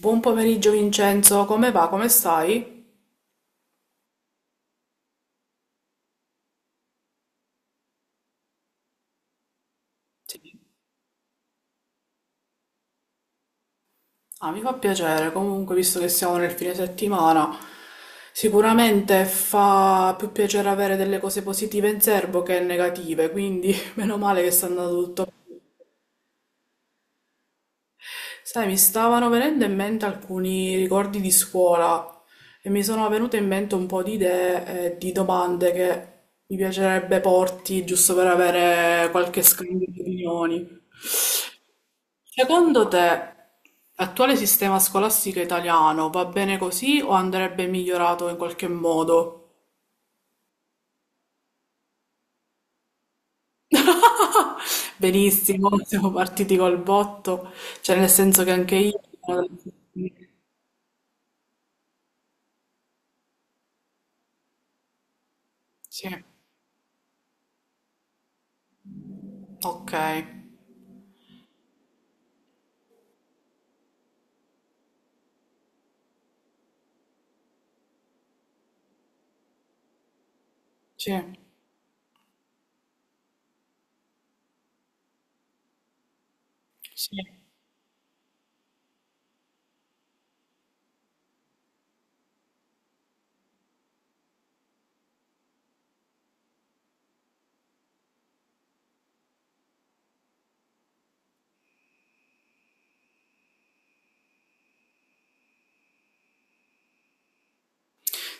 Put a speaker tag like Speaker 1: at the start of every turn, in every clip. Speaker 1: Buon pomeriggio Vincenzo, come va? Come stai? Sì. Ah, mi fa piacere, comunque visto che siamo nel fine settimana, sicuramente fa più piacere avere delle cose positive in serbo che negative, quindi meno male che sta andando tutto. Sai, mi stavano venendo in mente alcuni ricordi di scuola e mi sono venute in mente un po' di idee e di domande che mi piacerebbe porti giusto per avere qualche scambio di opinioni. Secondo te, l'attuale sistema scolastico italiano va bene così o andrebbe migliorato in qualche modo? Benissimo, siamo partiti col botto, cioè nel senso che anche io... Sì, ok, sì, sì.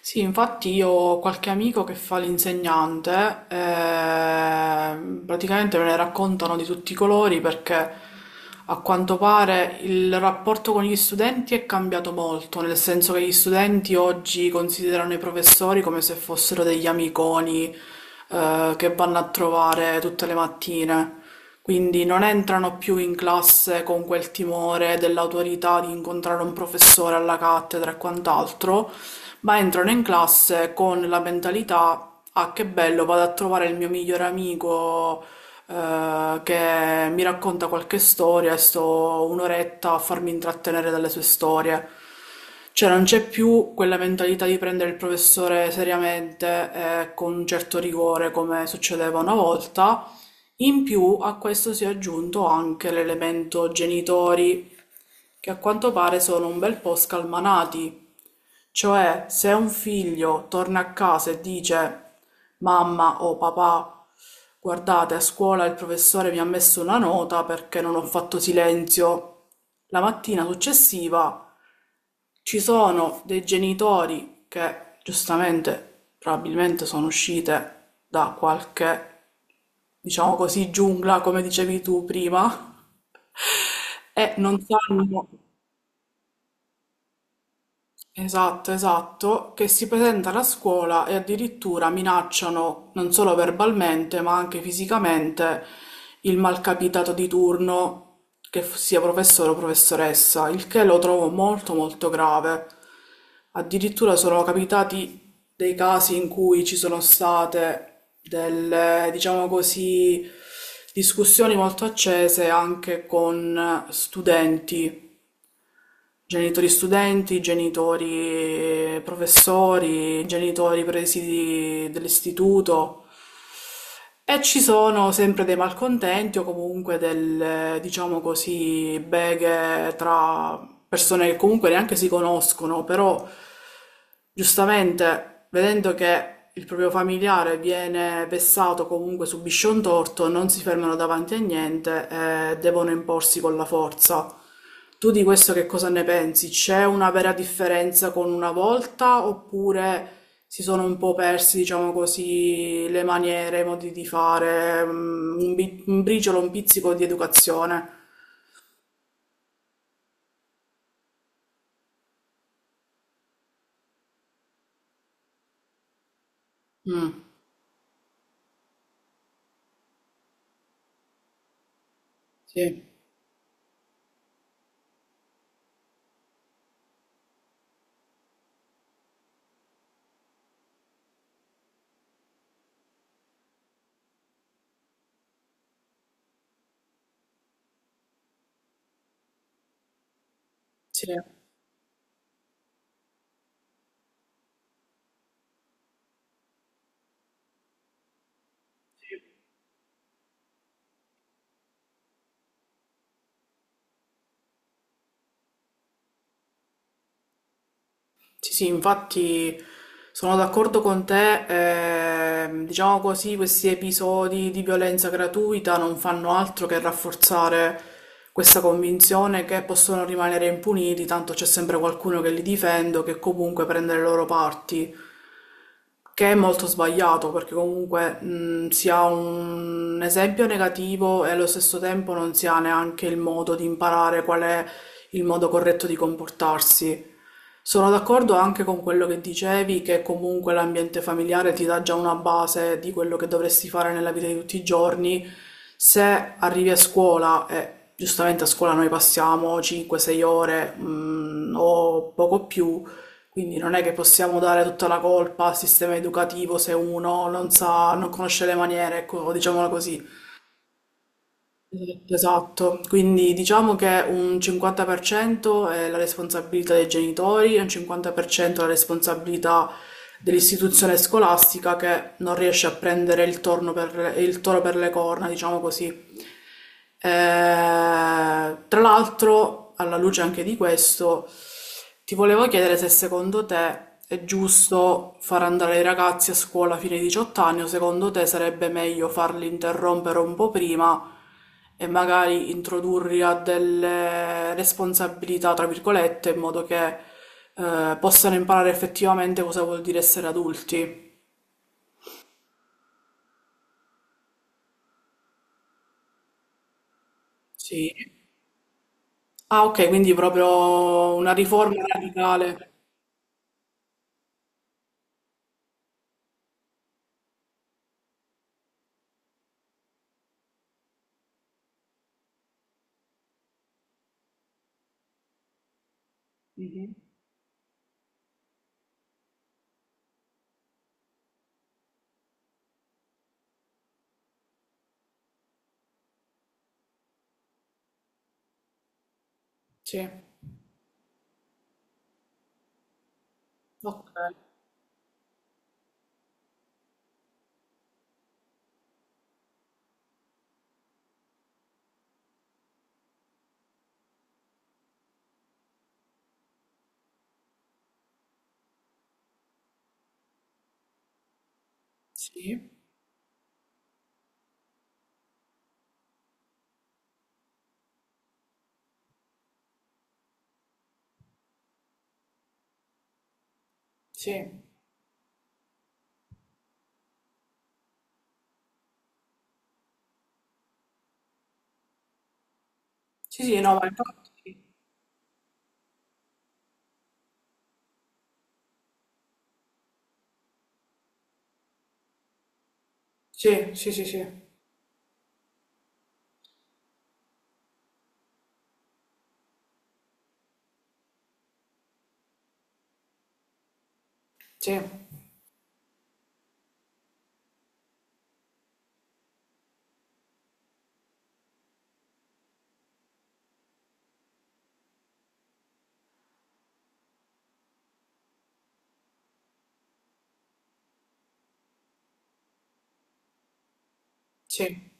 Speaker 1: Sì, infatti io ho qualche amico che fa l'insegnante, praticamente me ne raccontano di tutti i colori perché a quanto pare il rapporto con gli studenti è cambiato molto, nel senso che gli studenti oggi considerano i professori come se fossero degli amiconi, che vanno a trovare tutte le mattine. Quindi non entrano più in classe con quel timore dell'autorità di incontrare un professore alla cattedra e quant'altro, ma entrano in classe con la mentalità, ah che bello, vado a trovare il mio migliore amico che mi racconta qualche storia e sto un'oretta a farmi intrattenere dalle sue storie. Cioè non c'è più quella mentalità di prendere il professore seriamente e con un certo rigore come succedeva una volta. In più a questo si è aggiunto anche l'elemento genitori che a quanto pare sono un bel po' scalmanati. Cioè, se un figlio torna a casa e dice mamma o papà, guardate, a scuola il professore mi ha messo una nota perché non ho fatto silenzio. La mattina successiva ci sono dei genitori che giustamente probabilmente sono uscite da qualche, diciamo così, giungla, come dicevi tu prima, e non sanno. Esatto, esatto, che si presentano a scuola e addirittura minacciano non solo verbalmente, ma anche fisicamente il malcapitato di turno, che sia professore o professoressa, il che lo trovo molto molto grave. Addirittura sono capitati dei casi in cui ci sono state delle, diciamo così, discussioni molto accese anche con studenti. Genitori studenti, genitori professori, genitori presidi dell'istituto. E ci sono sempre dei malcontenti o comunque delle, diciamo così, beghe tra persone che comunque neanche si conoscono, però giustamente vedendo che il proprio familiare viene vessato, comunque subisce un torto, non si fermano davanti a niente e devono imporsi con la forza. Tu di questo che cosa ne pensi? C'è una vera differenza con una volta oppure si sono un po' persi, diciamo così, le maniere, i modi di fare, mm, un, un briciolo, un pizzico di educazione. Mm, sì, sì, sì, sì, infatti sono d'accordo con te, diciamo così, questi episodi di violenza gratuita non fanno altro che rafforzare questa convinzione che possono rimanere impuniti, tanto c'è sempre qualcuno che li difende, o che comunque prende le loro parti. Che è molto sbagliato perché comunque si ha un esempio negativo e allo stesso tempo non si ha neanche il modo di imparare qual è il modo corretto di comportarsi. Sono d'accordo anche con quello che dicevi, che comunque l'ambiente familiare ti dà già una base di quello che dovresti fare nella vita di tutti i giorni. Se arrivi a scuola, e giustamente a scuola noi passiamo 5-6 ore, o poco più, quindi non è che possiamo dare tutta la colpa al sistema educativo se uno non sa, non conosce le maniere, ecco, diciamola così. Esatto, esatto. Quindi diciamo che un 50% è la responsabilità dei genitori e un 50% è la responsabilità dell'istituzione scolastica che non riesce a prendere il toro per le corna, diciamo così. Tra l'altro, alla luce anche di questo, ti volevo chiedere se secondo te è giusto far andare i ragazzi a scuola fino ai 18 anni o secondo te sarebbe meglio farli interrompere un po' prima e magari introdurli a delle responsabilità, tra virgolette, in modo che possano imparare effettivamente cosa vuol dire essere adulti. Sì. Ah, ok, quindi proprio una riforma radicale. Sì, ok, sì, sì, sì, sì, no, ma infatti, sì, sì, sì, sì, sì, sì. Sì.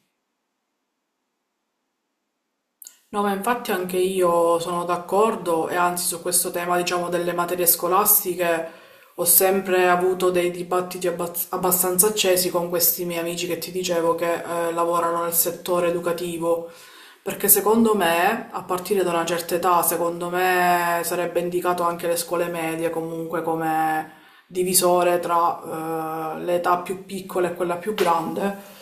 Speaker 1: No, ma infatti anche io sono d'accordo e anzi su questo tema, diciamo, delle materie scolastiche ho sempre avuto dei dibattiti abbastanza accesi con questi miei amici che ti dicevo che lavorano nel settore educativo, perché secondo me, a partire da una certa età, secondo me sarebbe indicato anche le scuole medie comunque come divisore tra l'età più piccola e quella più grande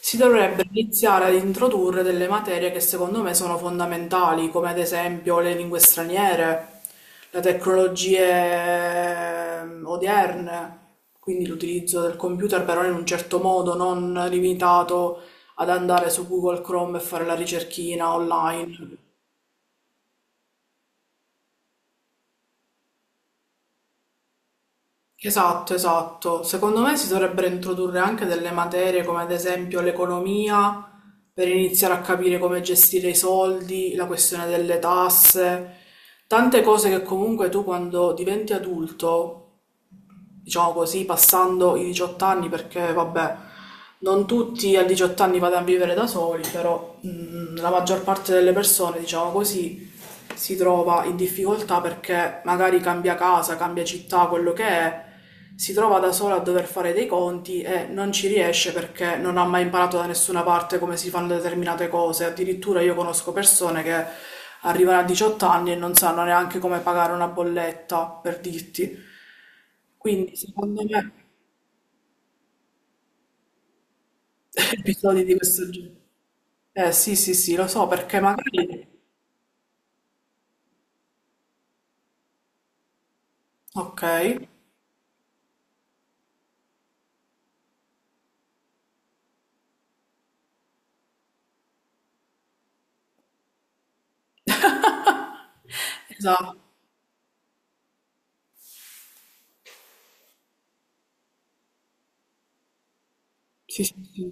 Speaker 1: si dovrebbe iniziare ad introdurre delle materie che secondo me sono fondamentali, come ad esempio le lingue straniere, le tecnologie odierne, quindi l'utilizzo del computer però in un certo modo, non limitato ad andare su Google Chrome e fare la ricerchina online. Esatto, esatto. Secondo me si dovrebbero introdurre anche delle materie come ad esempio l'economia per iniziare a capire come gestire i soldi, la questione delle tasse, tante cose che comunque tu quando diventi adulto diciamo così, passando i 18 anni, perché vabbè, non tutti a 18 anni vanno a vivere da soli, però la maggior parte delle persone, diciamo così, si trova in difficoltà perché magari cambia casa, cambia città, quello che è, si trova da sola a dover fare dei conti e non ci riesce perché non ha mai imparato da nessuna parte come si fanno determinate cose. Addirittura io conosco persone che arrivano a 18 anni e non sanno neanche come pagare una bolletta, per dirti. Quindi secondo me episodi di questo genere. Eh sì, sì, sì, lo so perché magari... Ok, esatto. Sì, sì, sì.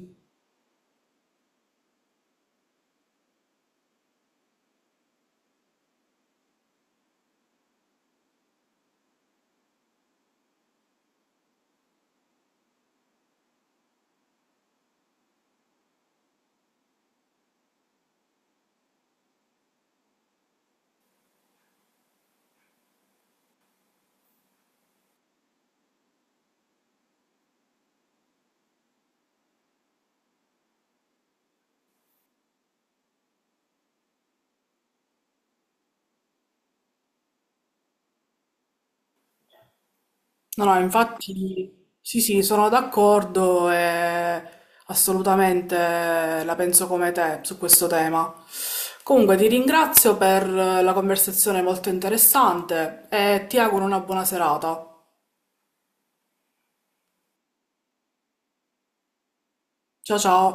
Speaker 1: No, no, infatti sì, sì, sono d'accordo e assolutamente la penso come te su questo tema. Comunque ti ringrazio per la conversazione molto interessante e ti auguro una buona serata. Ciao ciao.